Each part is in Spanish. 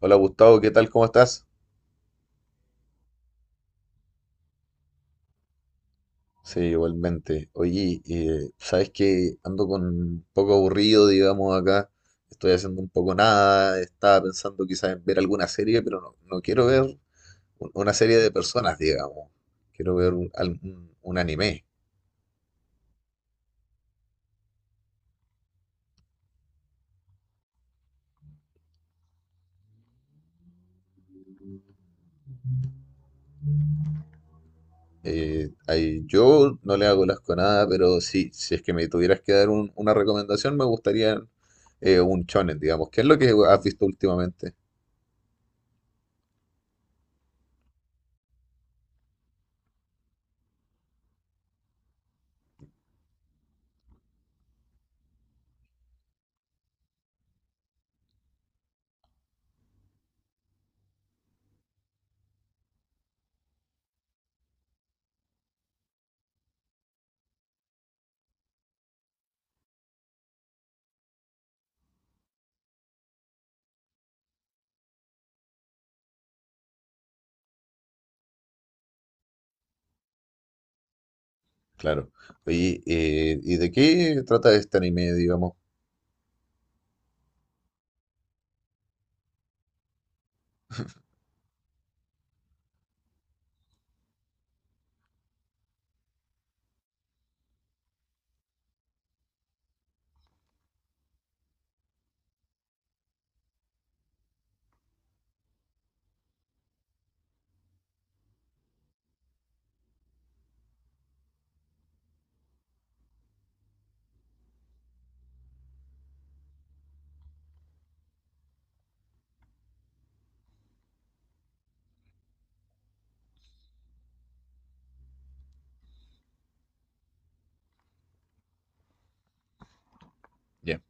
Hola Gustavo, ¿qué tal? ¿Cómo estás? Sí, igualmente. Oye, sabes que ando con un poco aburrido, digamos, acá. Estoy haciendo un poco nada. Estaba pensando quizás en ver alguna serie, pero no quiero ver una serie de personas, digamos. Quiero ver un anime. Yo no le hago asco a nada, pero sí, si es que me tuvieras que dar una recomendación, me gustaría un shonen, digamos. ¿Qué es lo que has visto últimamente? Claro. Oye, ¿y de qué trata este anime, digamos? Ya.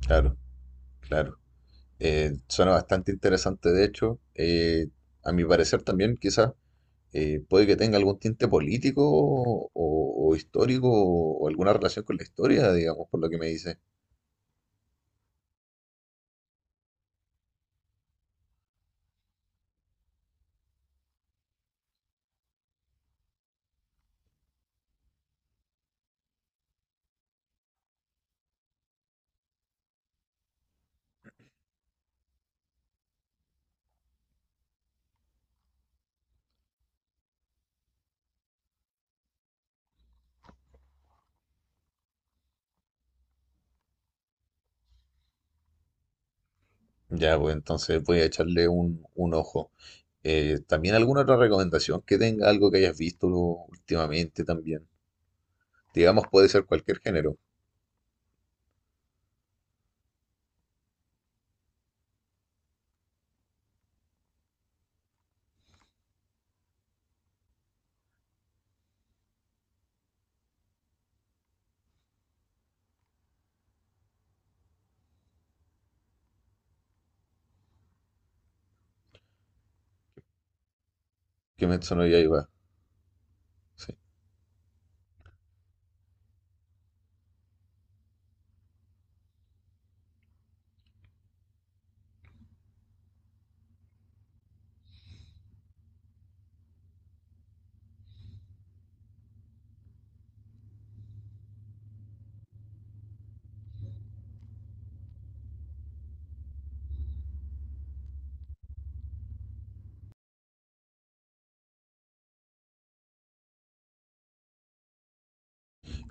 Claro, claro. Suena bastante interesante, de hecho. A mi parecer también, quizás, puede que tenga algún tinte político o histórico o alguna relación con la historia, digamos, por lo que me dice. Ya, pues entonces voy a echarle un ojo. También alguna otra recomendación que tenga, algo que hayas visto últimamente también. Digamos, puede ser cualquier género. ¿Qué me sonó ya iba?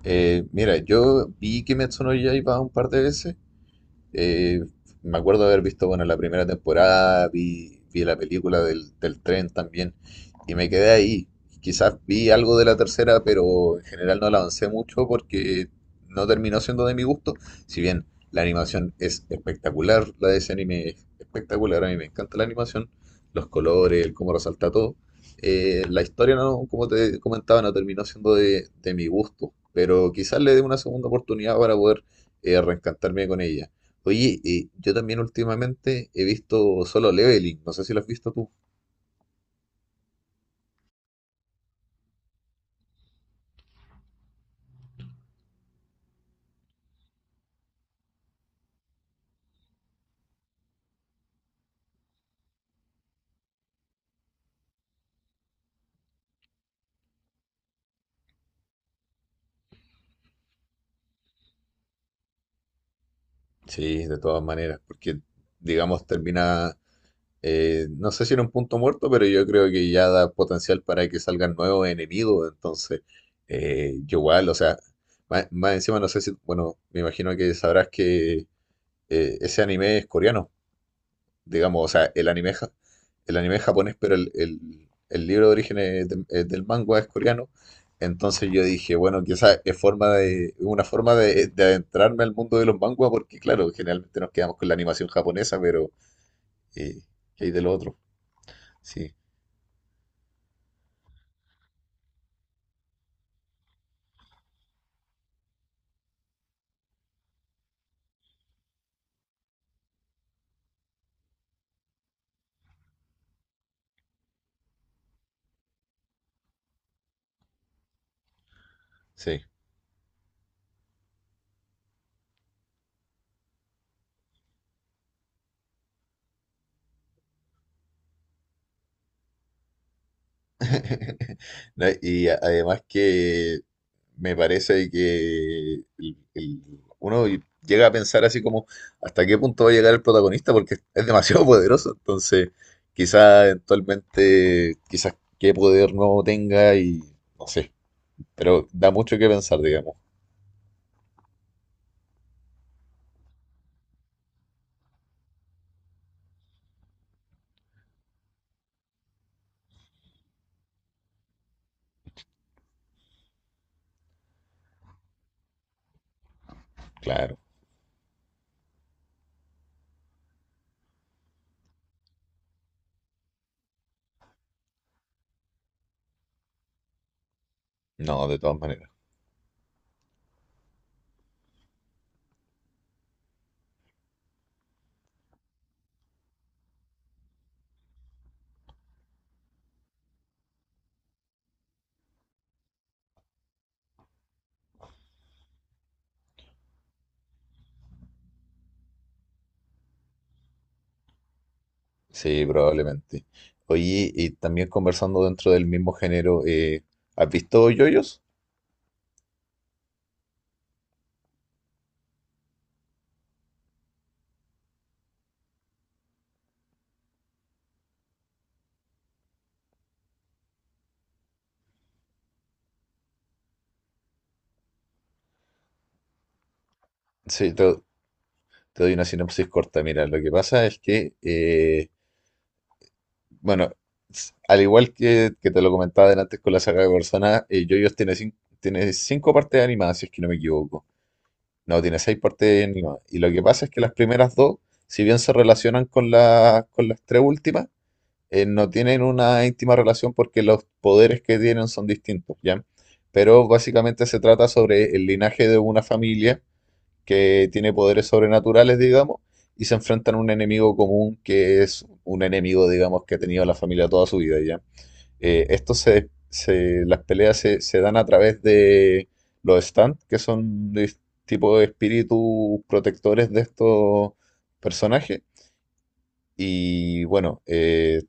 Mira, yo vi Kimetsu no Yaiba un par de veces, eh, me acuerdo haber visto, bueno, la primera temporada, vi la película del tren también, y me quedé ahí. Quizás vi algo de la tercera, pero en general no la avancé mucho porque no terminó siendo de mi gusto. Si bien la animación es espectacular, la de ese anime es espectacular, a mí me encanta la animación, los colores, el cómo resalta todo. La historia, no, como te comentaba, no terminó siendo de mi gusto, pero quizás le dé una segunda oportunidad para poder reencantarme con ella. Oye, yo también últimamente he visto Solo Leveling, no sé si lo has visto tú. Sí, de todas maneras, porque digamos termina, no sé si en un punto muerto, pero yo creo que ya da potencial para que salgan nuevos enemigos, entonces yo igual, o sea, más encima no sé si, bueno, me imagino que sabrás que ese anime es coreano. Digamos, o sea, el anime, ja- el anime es japonés, pero el libro de origen es de- es del manga es coreano. Entonces yo dije, bueno, quizás es forma de, una forma de adentrarme al mundo de los manguas, porque claro, generalmente nos quedamos con la animación japonesa, pero eh, ¿qué hay de lo otro? Sí, sí. No, y además que me parece que uno llega a pensar así como hasta qué punto va a llegar el protagonista porque es demasiado poderoso, entonces quizás eventualmente, quizás qué poder nuevo tenga y no sé, pero da mucho que pensar, digamos, claro, no, de todas maneras, sí, probablemente. Oye, y también conversando dentro del mismo género, ¿has visto JoJo's? Sí, te, Te doy una sinopsis corta. Mira, lo que pasa es que, bueno, al igual que te lo comentaba antes con la saga de Persona, JoJo's tiene, tiene cinco partes animadas, si es que no me equivoco. No, tiene seis partes animadas. Y lo que pasa es que las primeras dos, si bien se relacionan con, la, con las tres últimas, no tienen una íntima relación porque los poderes que tienen son distintos, ¿ya? Pero básicamente se trata sobre el linaje de una familia que tiene poderes sobrenaturales, digamos, y se enfrentan a un enemigo común que es un enemigo, digamos, que ha tenido la familia toda su vida ya. Esto las peleas se dan a través de los stand, que son de tipo de espíritus protectores de estos personajes. Y bueno,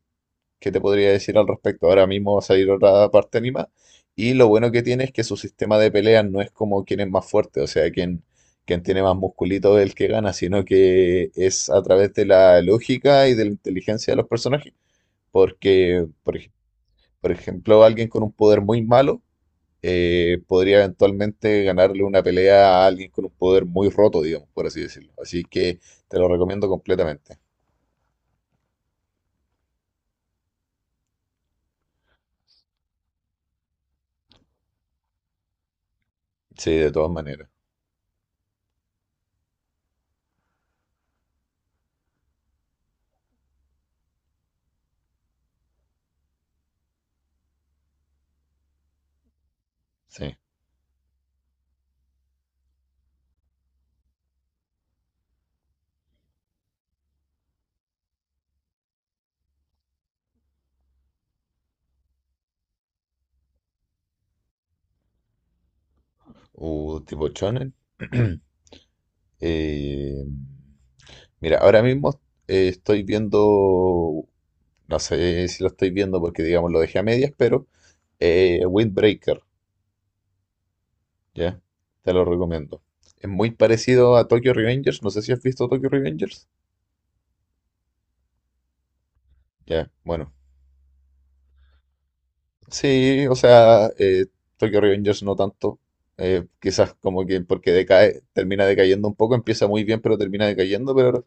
que te podría decir al respecto. Ahora mismo va a salir otra parte anima. Y lo bueno que tiene es que su sistema de peleas no es como quien es más fuerte, o sea, quien tiene más musculito es el que gana, sino que es a través de la lógica y de la inteligencia de los personajes. Porque, por ejemplo, alguien con un poder muy malo podría eventualmente ganarle una pelea a alguien con un poder muy roto, digamos, por así decirlo. Así que te lo recomiendo completamente. Sí, de todas maneras. Sí. Tipo shonen. Eh, Mira, ahora mismo estoy viendo, no sé si lo estoy viendo porque digamos lo dejé a medias, pero Windbreaker, ¿ya? Te lo recomiendo. Es muy parecido a Tokyo Revengers, no sé si has visto Tokyo Revengers. Ya, bueno. Sí, o sea, Tokyo Revengers no tanto. Quizás como que porque decae, termina decayendo un poco, empieza muy bien, pero termina decayendo, pero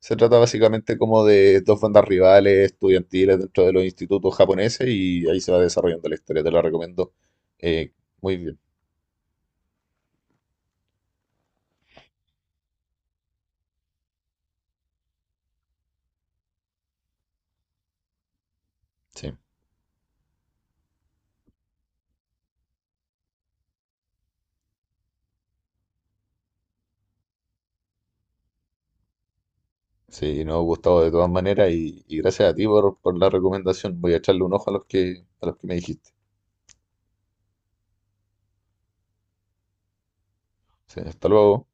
se trata básicamente como de dos bandas rivales estudiantiles dentro de los institutos japoneses y ahí se va desarrollando la historia, te la recomiendo. Eh, Muy bien, sí, sí, nos ha gustado de todas maneras y gracias a ti por la recomendación. Voy a echarle un ojo a los que me dijiste. Sí, hasta luego.